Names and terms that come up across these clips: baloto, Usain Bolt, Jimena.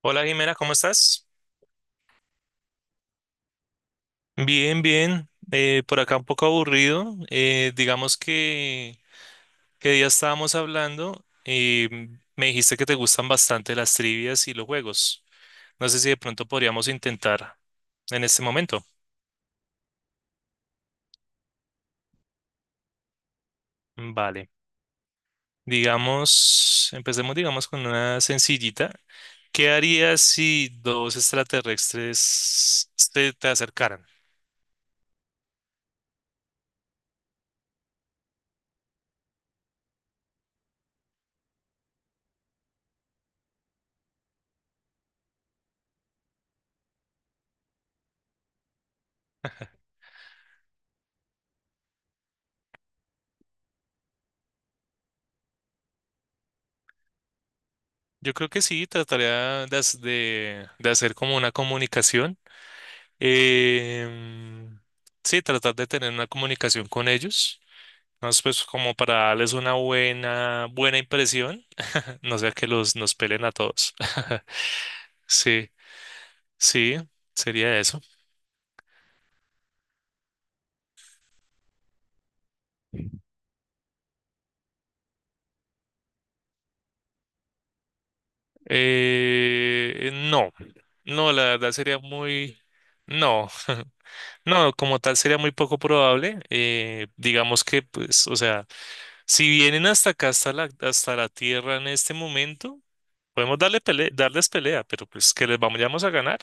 Hola, Jimena, ¿cómo estás? Bien, bien. Por acá un poco aburrido. Digamos que ya estábamos hablando y me dijiste que te gustan bastante las trivias y los juegos. No sé si de pronto podríamos intentar en este momento. Vale. Digamos, empecemos digamos con una sencillita. ¿Qué harías si dos extraterrestres se te acercaran? Yo creo que sí, trataría de hacer como una comunicación. Em, sí, tratar de tener una comunicación con ellos. Entonces, pues como para darles una buena, buena impresión, no sea que los nos pelen a todos. Sí, sí, sería eso. No, no, la verdad sería no, no, como tal sería muy poco probable. Digamos que, pues, o sea, si vienen hasta acá, hasta la tierra en este momento, podemos darles pelea, pero pues que les vamos, a ganar.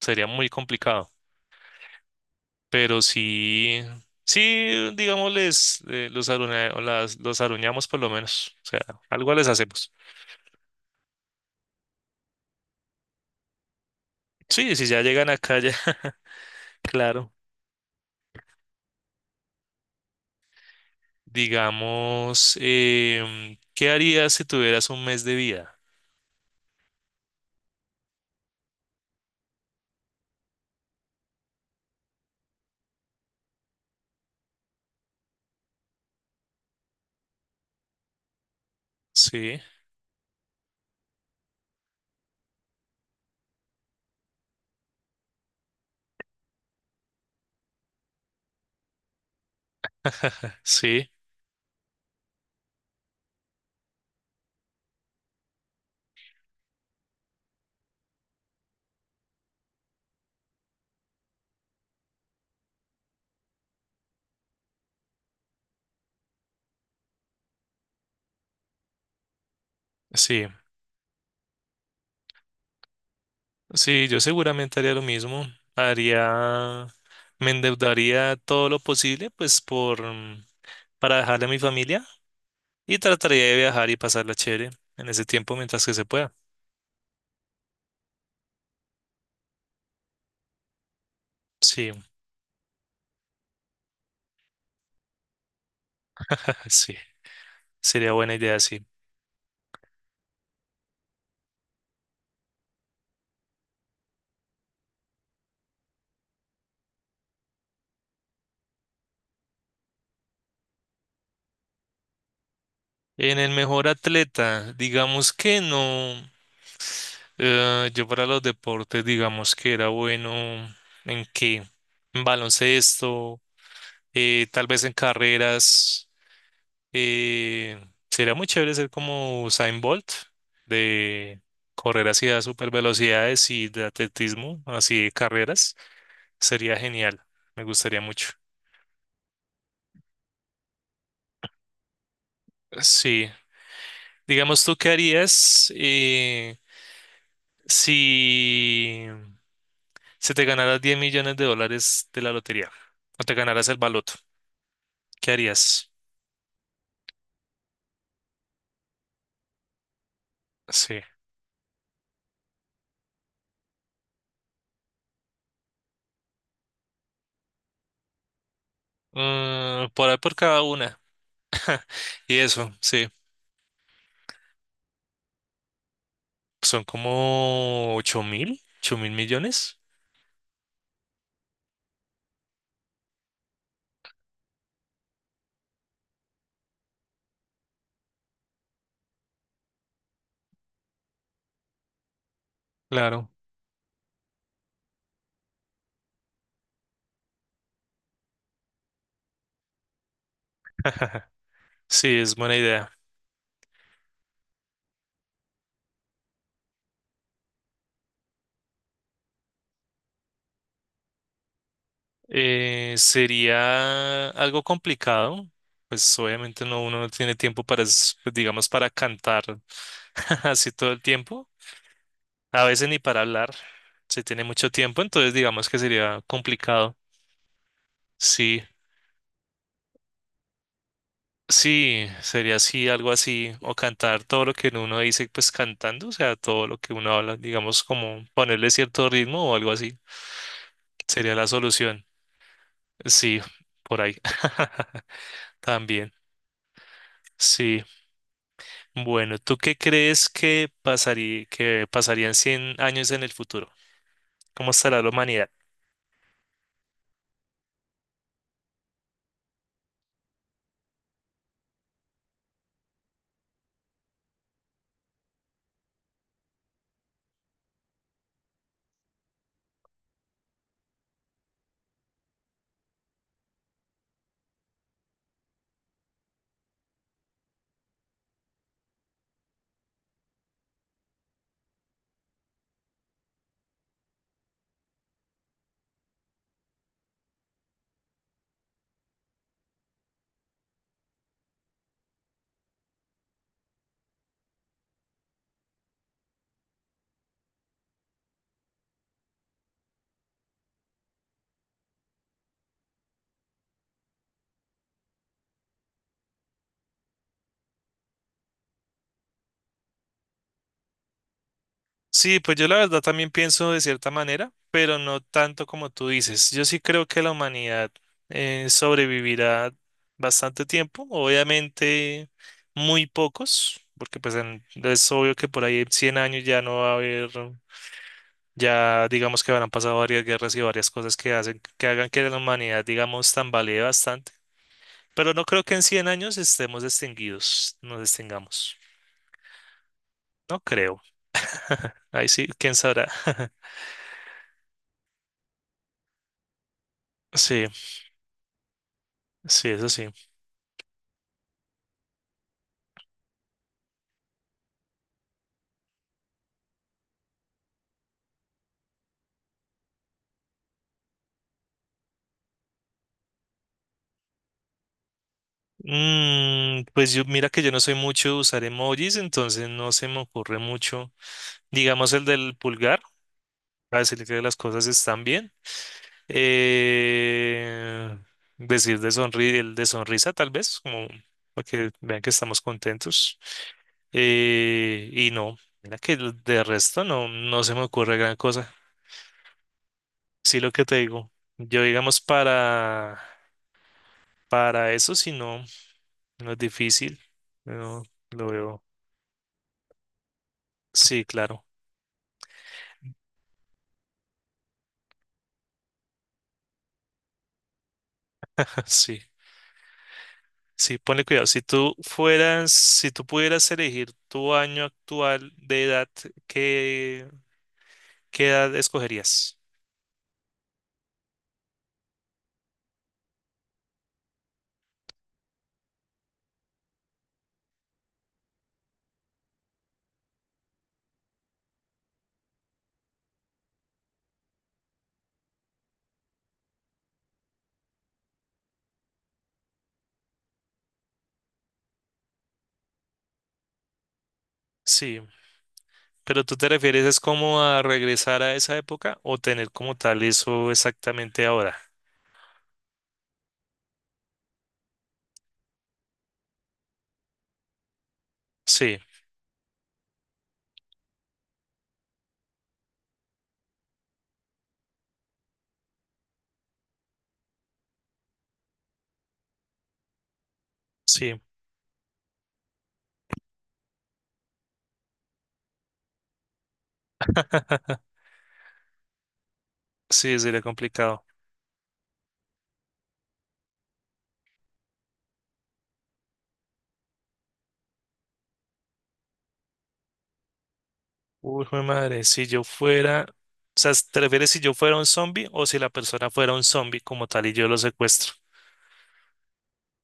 Sería muy complicado. Pero sí, sí, digamos, les, los, aruña- o las- los aruñamos por lo menos. O sea, algo les hacemos. Sí, si ya llegan acá, ya, claro. Digamos, ¿qué harías si tuvieras un mes de vida? Sí, sí, sí. Sí, yo seguramente haría lo mismo. Haría, Me endeudaría todo lo posible, pues, para dejarle a mi familia. Y trataría de viajar y pasarla chévere en ese tiempo mientras que se pueda. Sí, ah, sí, sería buena idea, sí. En el mejor atleta, digamos que no. Yo para los deportes, digamos que era bueno en qué, en baloncesto, tal vez en carreras. eh, Sería muy chévere ser como Usain Bolt, de correr así a super velocidades y de atletismo, así de carreras. Sería genial, me gustaría mucho. Sí, digamos, ¿tú qué harías, si se te ganaras 10 millones de dólares de la lotería o te ganaras el baloto? ¿Qué harías? Sí, por ahí por cada una. Y eso, sí, son como ocho mil millones. Claro, sí, es buena idea. Sería algo complicado. Pues obviamente no, uno no tiene tiempo para, pues, digamos, para cantar así todo el tiempo. A veces ni para hablar se tiene mucho tiempo, entonces digamos que sería complicado. Sí, sí, sería así, algo así, o cantar todo lo que uno dice, pues cantando, o sea, todo lo que uno habla, digamos como ponerle cierto ritmo o algo así, sería la solución. Sí, por ahí. También. Sí. Bueno, ¿tú qué crees que pasarían 100 años en el futuro? ¿Cómo estará la humanidad? Sí, pues yo la verdad también pienso de cierta manera, pero no tanto como tú dices. Yo sí creo que la humanidad sobrevivirá bastante tiempo, obviamente muy pocos, porque pues es obvio que por ahí en 100 años ya no va a haber, ya digamos que habrán pasado varias guerras y varias cosas que hagan que la humanidad, digamos, tambalee bastante. Pero no creo que en 100 años estemos extinguidos, nos extingamos. No creo. Ahí sí, quién sabrá. Sí, sí, eso sí. Pues mira que yo no soy mucho de usar emojis, entonces no se me ocurre mucho. Digamos el del pulgar, para decirle que las cosas están bien. Eh, Decir de sonri el de sonrisa, tal vez, como para que vean que estamos contentos. Y no, mira que el de resto no, no se me ocurre gran cosa. Sí, lo que te digo. Yo, digamos, para eso, si no, no es difícil. No, lo veo. Sí, claro. Sí, sí, ponle cuidado. Si tú pudieras elegir tu año actual de edad, ¿qué, qué edad escogerías? Sí, pero tú te refieres es como a regresar a esa época o tener como tal eso exactamente ahora. Sí, sí, sí, sería complicado. Uy, jue madre, si yo fuera, o sea, ¿te refieres si yo fuera un zombie o si la persona fuera un zombie como tal y yo lo secuestro?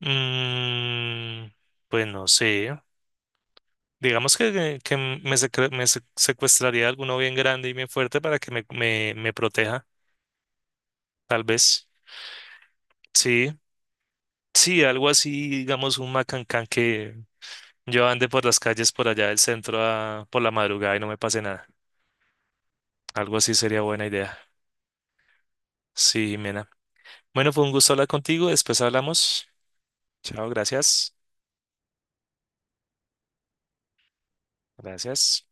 Mm, pues no sé. Digamos que me secuestraría alguno bien grande y bien fuerte para que me proteja, tal vez. Sí, sí, algo así, digamos, un macancán que yo ande por las calles por allá del centro por la madrugada y no me pase nada. Algo así sería buena idea. Sí, Jimena. Bueno, fue un gusto hablar contigo. Después hablamos. Chao, gracias. Gracias.